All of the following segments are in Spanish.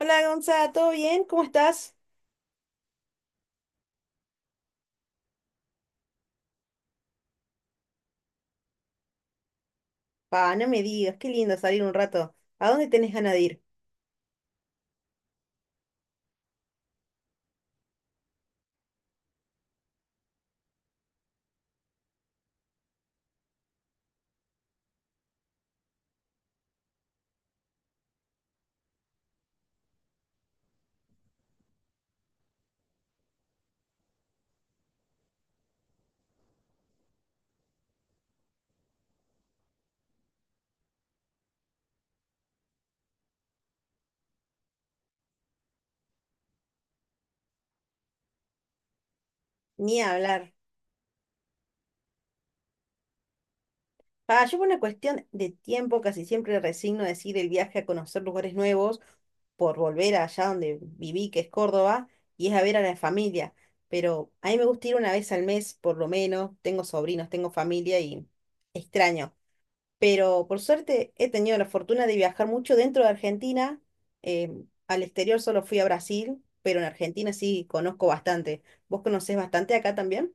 Hola Gonza, ¿todo bien? ¿Cómo estás? Pa, no me digas, qué lindo salir un rato. ¿A dónde tenés ganas de ir? Ni hablar. Pa, yo por una cuestión de tiempo casi siempre resigno a decir el viaje a conocer lugares nuevos por volver allá donde viví, que es Córdoba, y es a ver a la familia. Pero a mí me gusta ir una vez al mes, por lo menos. Tengo sobrinos, tengo familia y extraño, pero por suerte he tenido la fortuna de viajar mucho dentro de Argentina. eh, Al exterior solo fui a Brasil, pero en Argentina sí conozco bastante. ¿Vos conocés bastante acá también?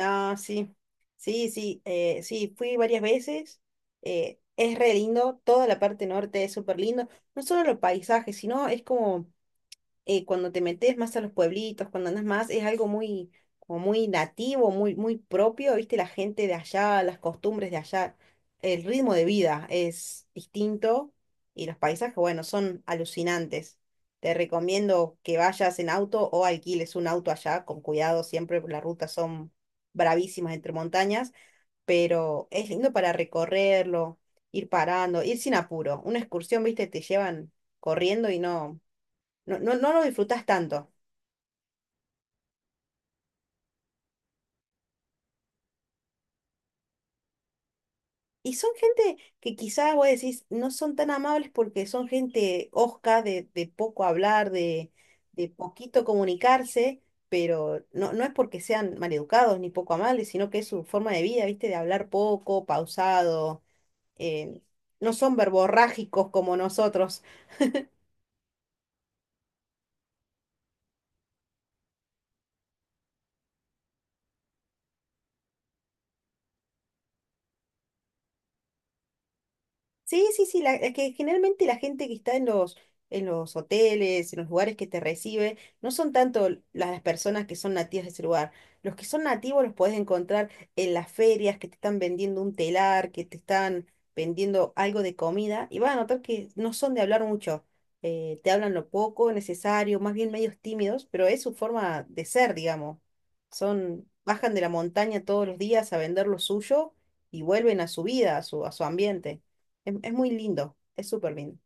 Ah, sí, sí, sí, sí, fui varias veces. Eh, es re lindo, toda la parte norte es súper lindo. No solo los paisajes, sino es como cuando te metes más a los pueblitos, cuando andas más, es algo muy, como muy nativo, muy, muy propio, ¿viste? La gente de allá, las costumbres de allá, el ritmo de vida es distinto, y los paisajes, bueno, son alucinantes. Te recomiendo que vayas en auto o alquiles un auto allá, con cuidado siempre, porque las rutas son bravísimas entre montañas, pero es lindo para recorrerlo, ir parando, ir sin apuro. Una excursión, ¿viste? Te llevan corriendo y no, no lo disfrutás tanto. Y son gente que quizás vos decís, no son tan amables porque son gente hosca, de poco hablar, de poquito comunicarse, pero no, no es porque sean maleducados ni poco amables, sino que es su forma de vida, ¿viste? De hablar poco, pausado, eh, no son verborrágicos como nosotros. Sí, sí, sí, la, es que generalmente la gente que está en los hoteles, en los lugares que te recibe, no son tanto las personas que son nativas de ese lugar. Los que son nativos los podés encontrar en las ferias que te están vendiendo un telar, que te están vendiendo algo de comida, y vas a notar que no son de hablar mucho. Eh, te hablan lo poco necesario, más bien medios tímidos, pero es su forma de ser, digamos. Son, bajan de la montaña todos los días a vender lo suyo y vuelven a su vida, a su ambiente. Es muy lindo, es súper lindo.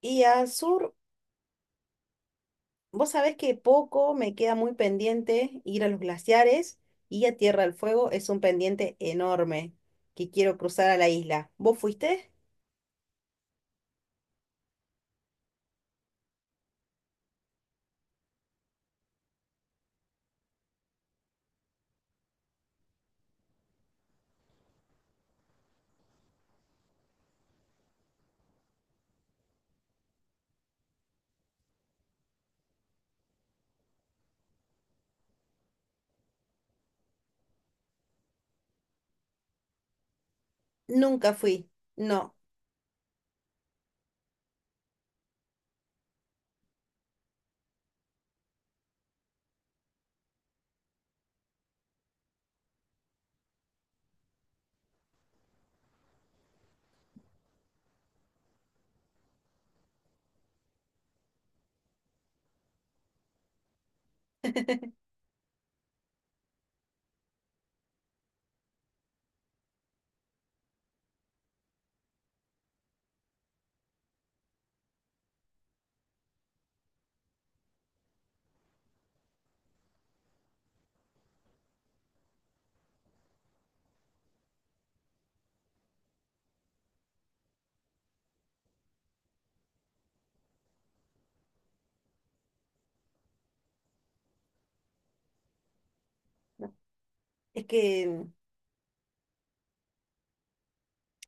Y al sur, vos sabés que poco me queda muy pendiente ir a los glaciares, y a Tierra del Fuego es un pendiente enorme que quiero cruzar a la isla. ¿Vos fuiste? Nunca fui. No. No. Es que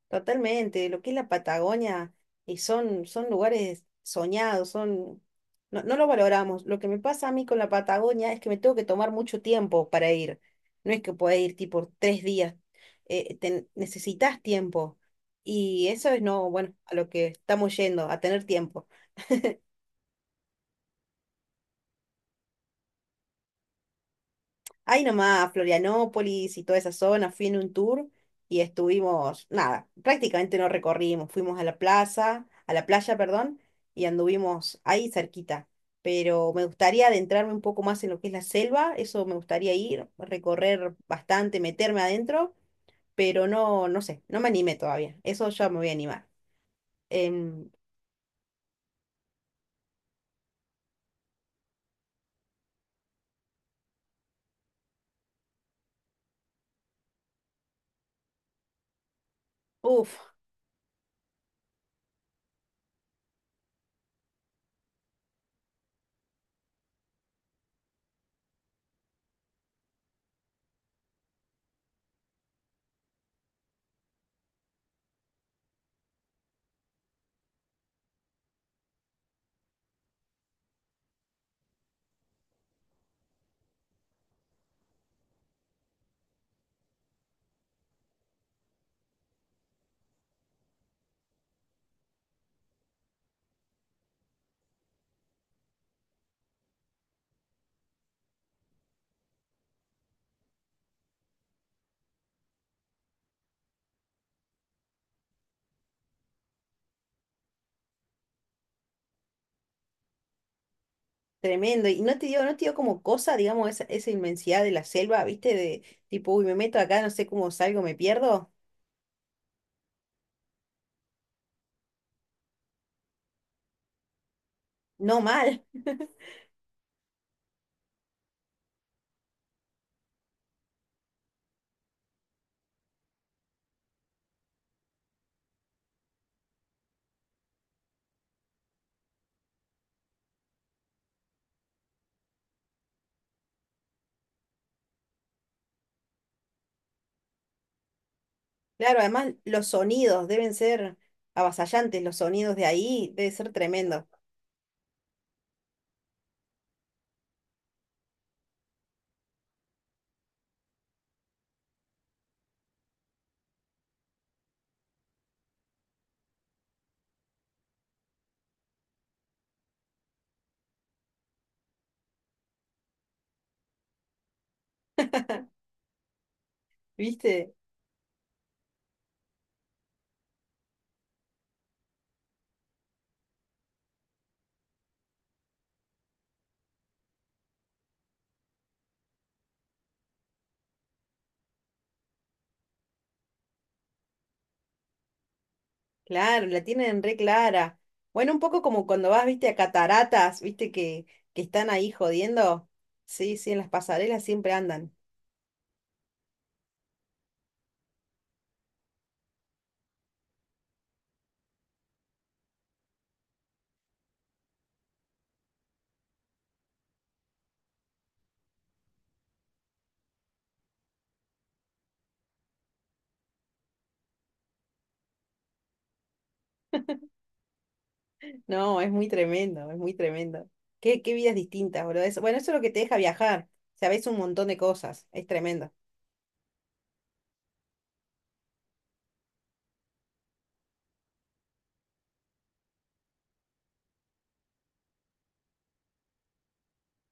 totalmente, lo que es la Patagonia, y son, son lugares soñados, son, no, no lo valoramos. Lo que me pasa a mí con la Patagonia es que me tengo que tomar mucho tiempo para ir. No es que pueda ir tipo tres días. Necesitas tiempo. Y eso es no, bueno, a lo que estamos yendo, a tener tiempo. Ahí nomás, a Florianópolis y toda esa zona, fui en un tour y estuvimos, nada, prácticamente no recorrimos, fuimos a la plaza, a la playa, perdón, y anduvimos ahí cerquita. Pero me gustaría adentrarme un poco más en lo que es la selva, eso me gustaría ir, recorrer bastante, meterme adentro, pero no, no sé, no me animé todavía, eso ya me voy a animar. Em, uf, Tremendo. Y no te dio, no te dio como cosa, digamos, esa inmensidad de la selva, ¿viste? De tipo, uy, me meto acá, no sé cómo salgo, me pierdo. No mal. Claro, además los sonidos deben ser avasallantes, los sonidos de ahí debe ser tremendo, ¿viste? Claro, la tienen re clara. Bueno, un poco como cuando vas, viste, a cataratas, viste, que están ahí jodiendo. Sí, sí, en las pasarelas siempre andan. No, es muy tremendo, es muy tremendo. Qué, qué vidas distintas, boludo. Eso- bueno, eso es lo que te deja viajar. Sabes un montón de cosas. Es tremendo.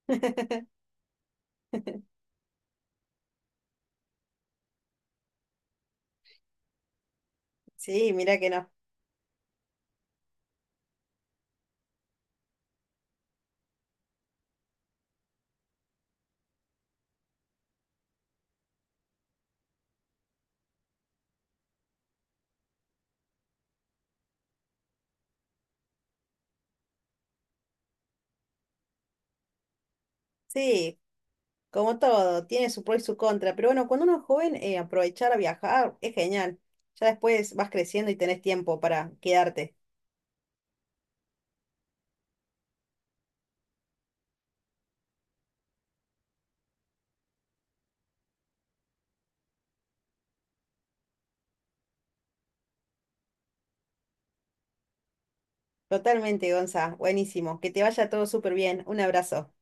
Sí, mira que no. Sí, como todo, tiene su pro y su contra. Pero bueno, cuando uno es joven, aprovechar a viajar es genial. Ya después vas creciendo y tenés tiempo para quedarte. Totalmente, Gonza. Buenísimo. Que te vaya todo súper bien. Un abrazo.